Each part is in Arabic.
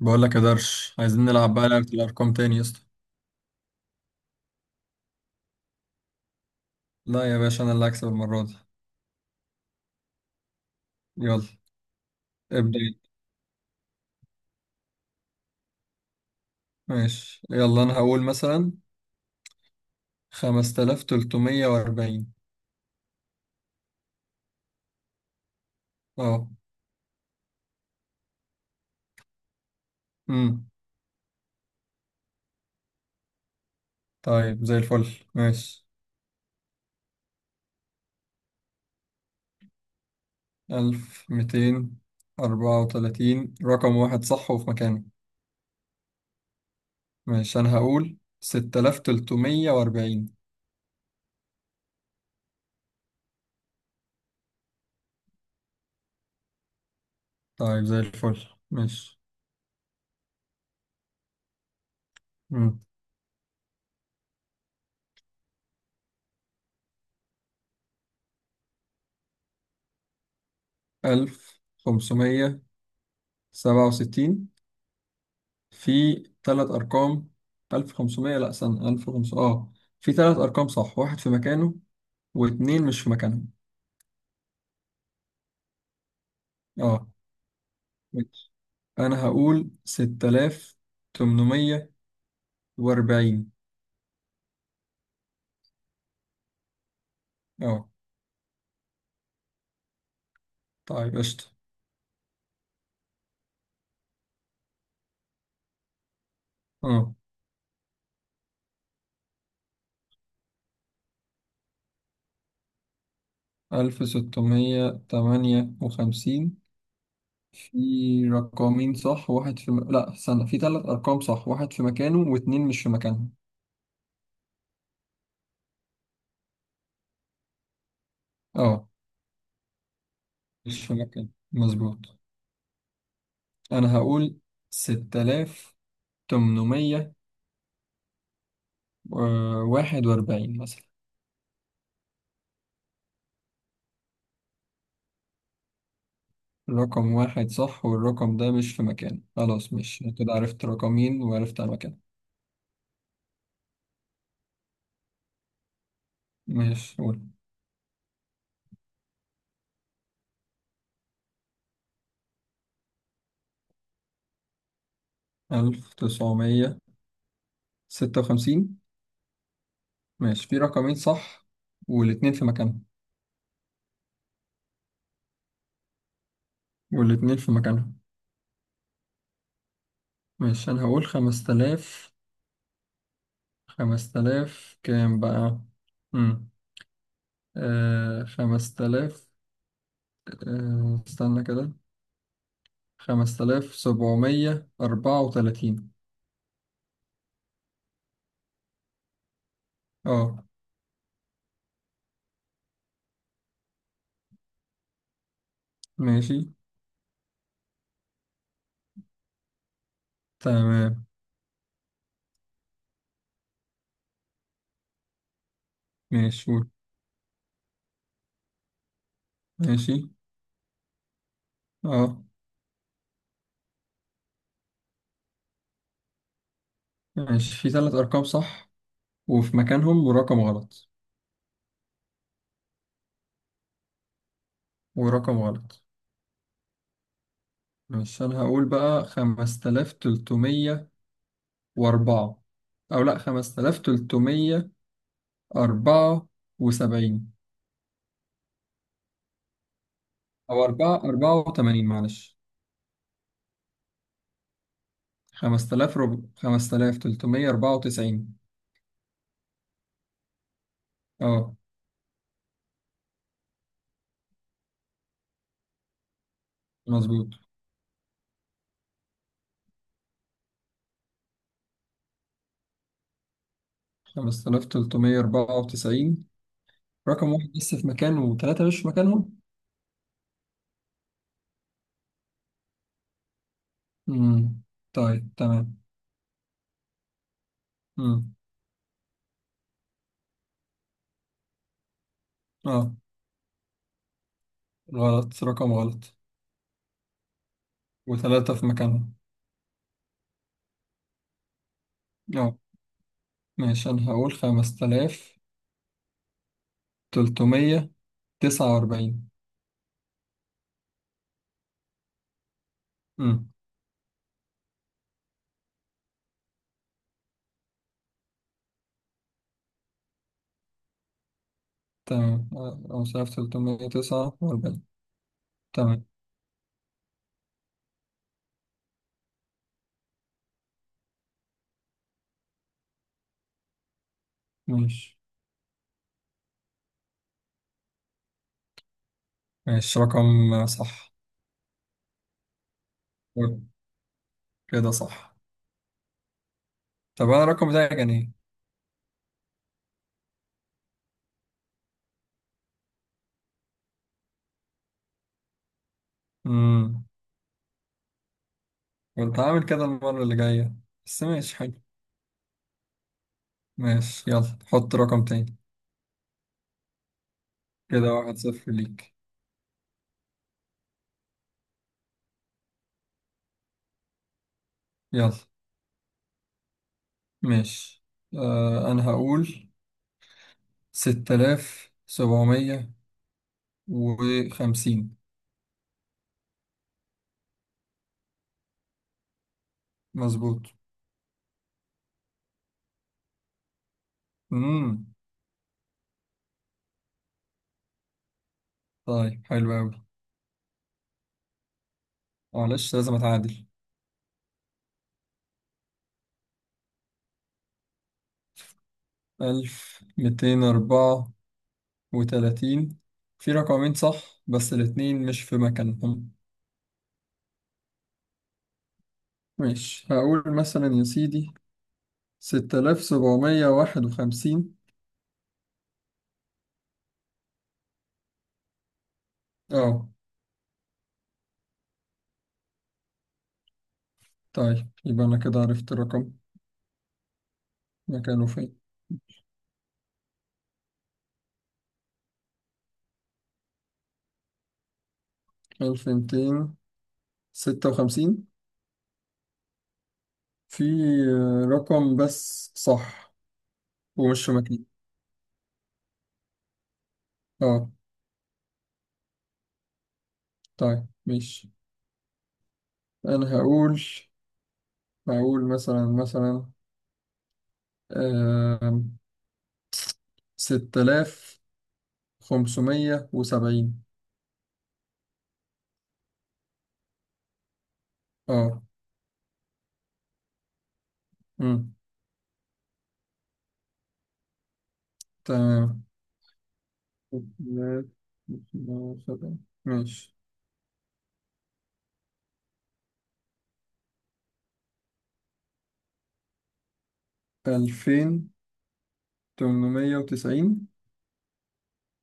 بقول لك يا درش، عايزين نلعب بقى لعبة الأرقام تاني يا اسطى. لا يا باشا، أنا اللي هكسب المرة دي. يلا، ابدأ انت. ماشي يلا، أنا هقول مثلا 5340. أه. أمم. طيب زي الفل، ماشي. 1234 رقم واحد صح وفي مكانه. ماشي، أنا هقول 6340. طيب زي الفل، ماشي. 1567، في ثلاث أرقام. 1500، لأ استنى، 1500، اه، في ثلاث أرقام صح، واحد في مكانه واتنين مش في مكانهم. اه. ماشي. أنا هقول 6840. اه، طيب قشطة. اه. 1658، في رقمين صح، واحد في لا استنى، في ثلاث أرقام صح، واحد في مكانه واتنين مش في مكانهم. اه، مش في مكانه مظبوط. أنا هقول 6000 تمنمية واحد وأربعين مثلا. الرقم واحد صح والرقم ده مش في مكانه، خلاص، مش كده عرفت رقمين وعرفت على مكانه. ماشي، قول. 1956. ماشي، في رقمين صح والاتنين في مكانهم. والاتنين في مكانهم. ماشي، أنا هقول خمس تلاف. خمس تلاف كام بقى؟ مم. آه، خمس تلاف. آه استنى كده، 5734. اه. ماشي. تمام. ماشي، قول. ماشي. اه. ماشي، في ثلاث ارقام صح وفي مكانهم ورقم غلط. ورقم غلط. ماشي، انا هقول بقى خمسة آلاف تلتمية واربعة، او لا، 5374، او اربعة اربعة وتمانين، معلش. خمسة آلاف خمسة آلاف تلتمية اربعة وتسعين. اه، مظبوط. 5394، رقم واحد بس في مكانه وثلاثة مش في مكانهم. مم. طيب تمام. امم. اه، غلط، رقم غلط. وثلاثة في مكانها. اه، ماشي، انا هقول 5349. امم. تمام. 5349. تمام. ماشي. ماشي، رقم صح. كده صح. طب أنا الرقم بتاعي كان إيه؟ امم. كنت هعمل كده المرة اللي جاية. بس ماشي، حلو. ماشي يلا، حط رقم تاني. كده واحد صفر ليك. يلا. ماشي. آه أنا هقول 6750. مظبوط. امم. طيب حلو أوي. معلش، لازم أتعادل. 1234، في رقمين صح بس الاتنين مش في مكانهم. ماشي، هقول مثلا يا سيدي 6751. اه. طيب يبقى أنا كده عرفت الرقم. مكانه فين؟ 1256، في رقم بس صح. ومش في مكانه. اه. طيب ماشي. أنا هقول، هقول مثلا آم، 6570. اه. أمم. تمام. 6570. ماشي. 2890.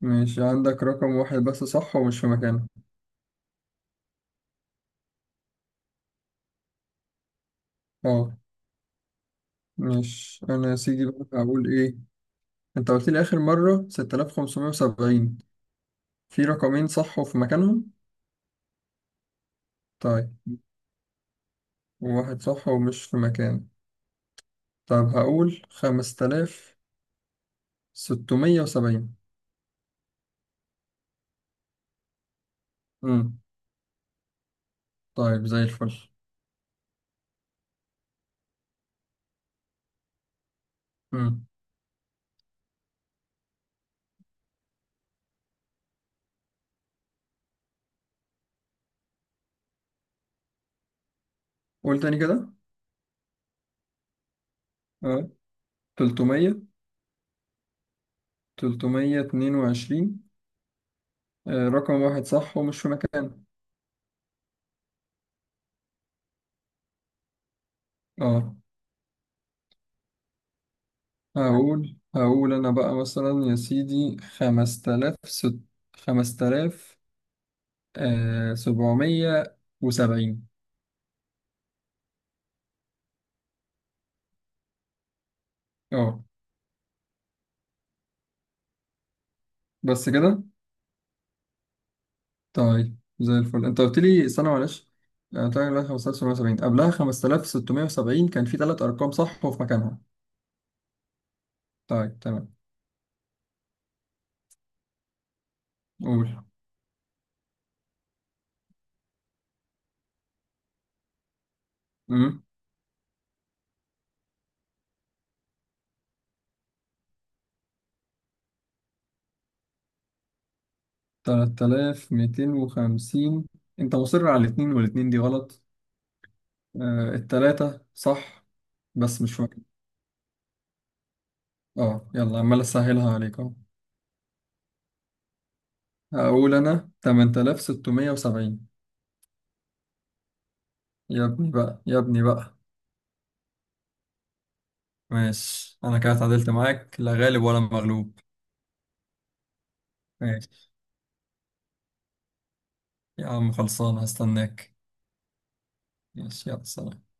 ماشي، عندك رقم واحد بس صح ومش في مكانه. اه. ماشي، أنا يا سيدي بقى هقول إيه. أنت قلت لي آخر مرة 6570، في رقمين صح وفي مكانهم. طيب. وواحد صح ومش في مكانه. طب هقول 5670. أمم. طيب زي الفل. أمم. قول تاني كده. أه، تلتمية. 322. رقم واحد صح ومش في مكانه. أه. هقول أنا بقى مثلا يا سيدي خمسة آلاف 5770. أه. بس كده. طيب زي الفل. انت قلت لي استنى معلش. طيب لا 5770 قبلها 5670 كان في ثلاث ارقام صح وفي مكانها. طيب تمام. قول. امم. 3250. انت مصر على الاثنين، والاثنين دي غلط. آه الثلاثة صح. بس مش فاكر. اه، يلا عمال اسهلها عليك اهو. هقول انا 8670. يا ابني بقى، يا ابني بقى. ماشي، انا كده اتعادلت معاك، لا غالب ولا مغلوب. ماشي. يا عم خلصان، هستناك. ماشي يلا، سلام.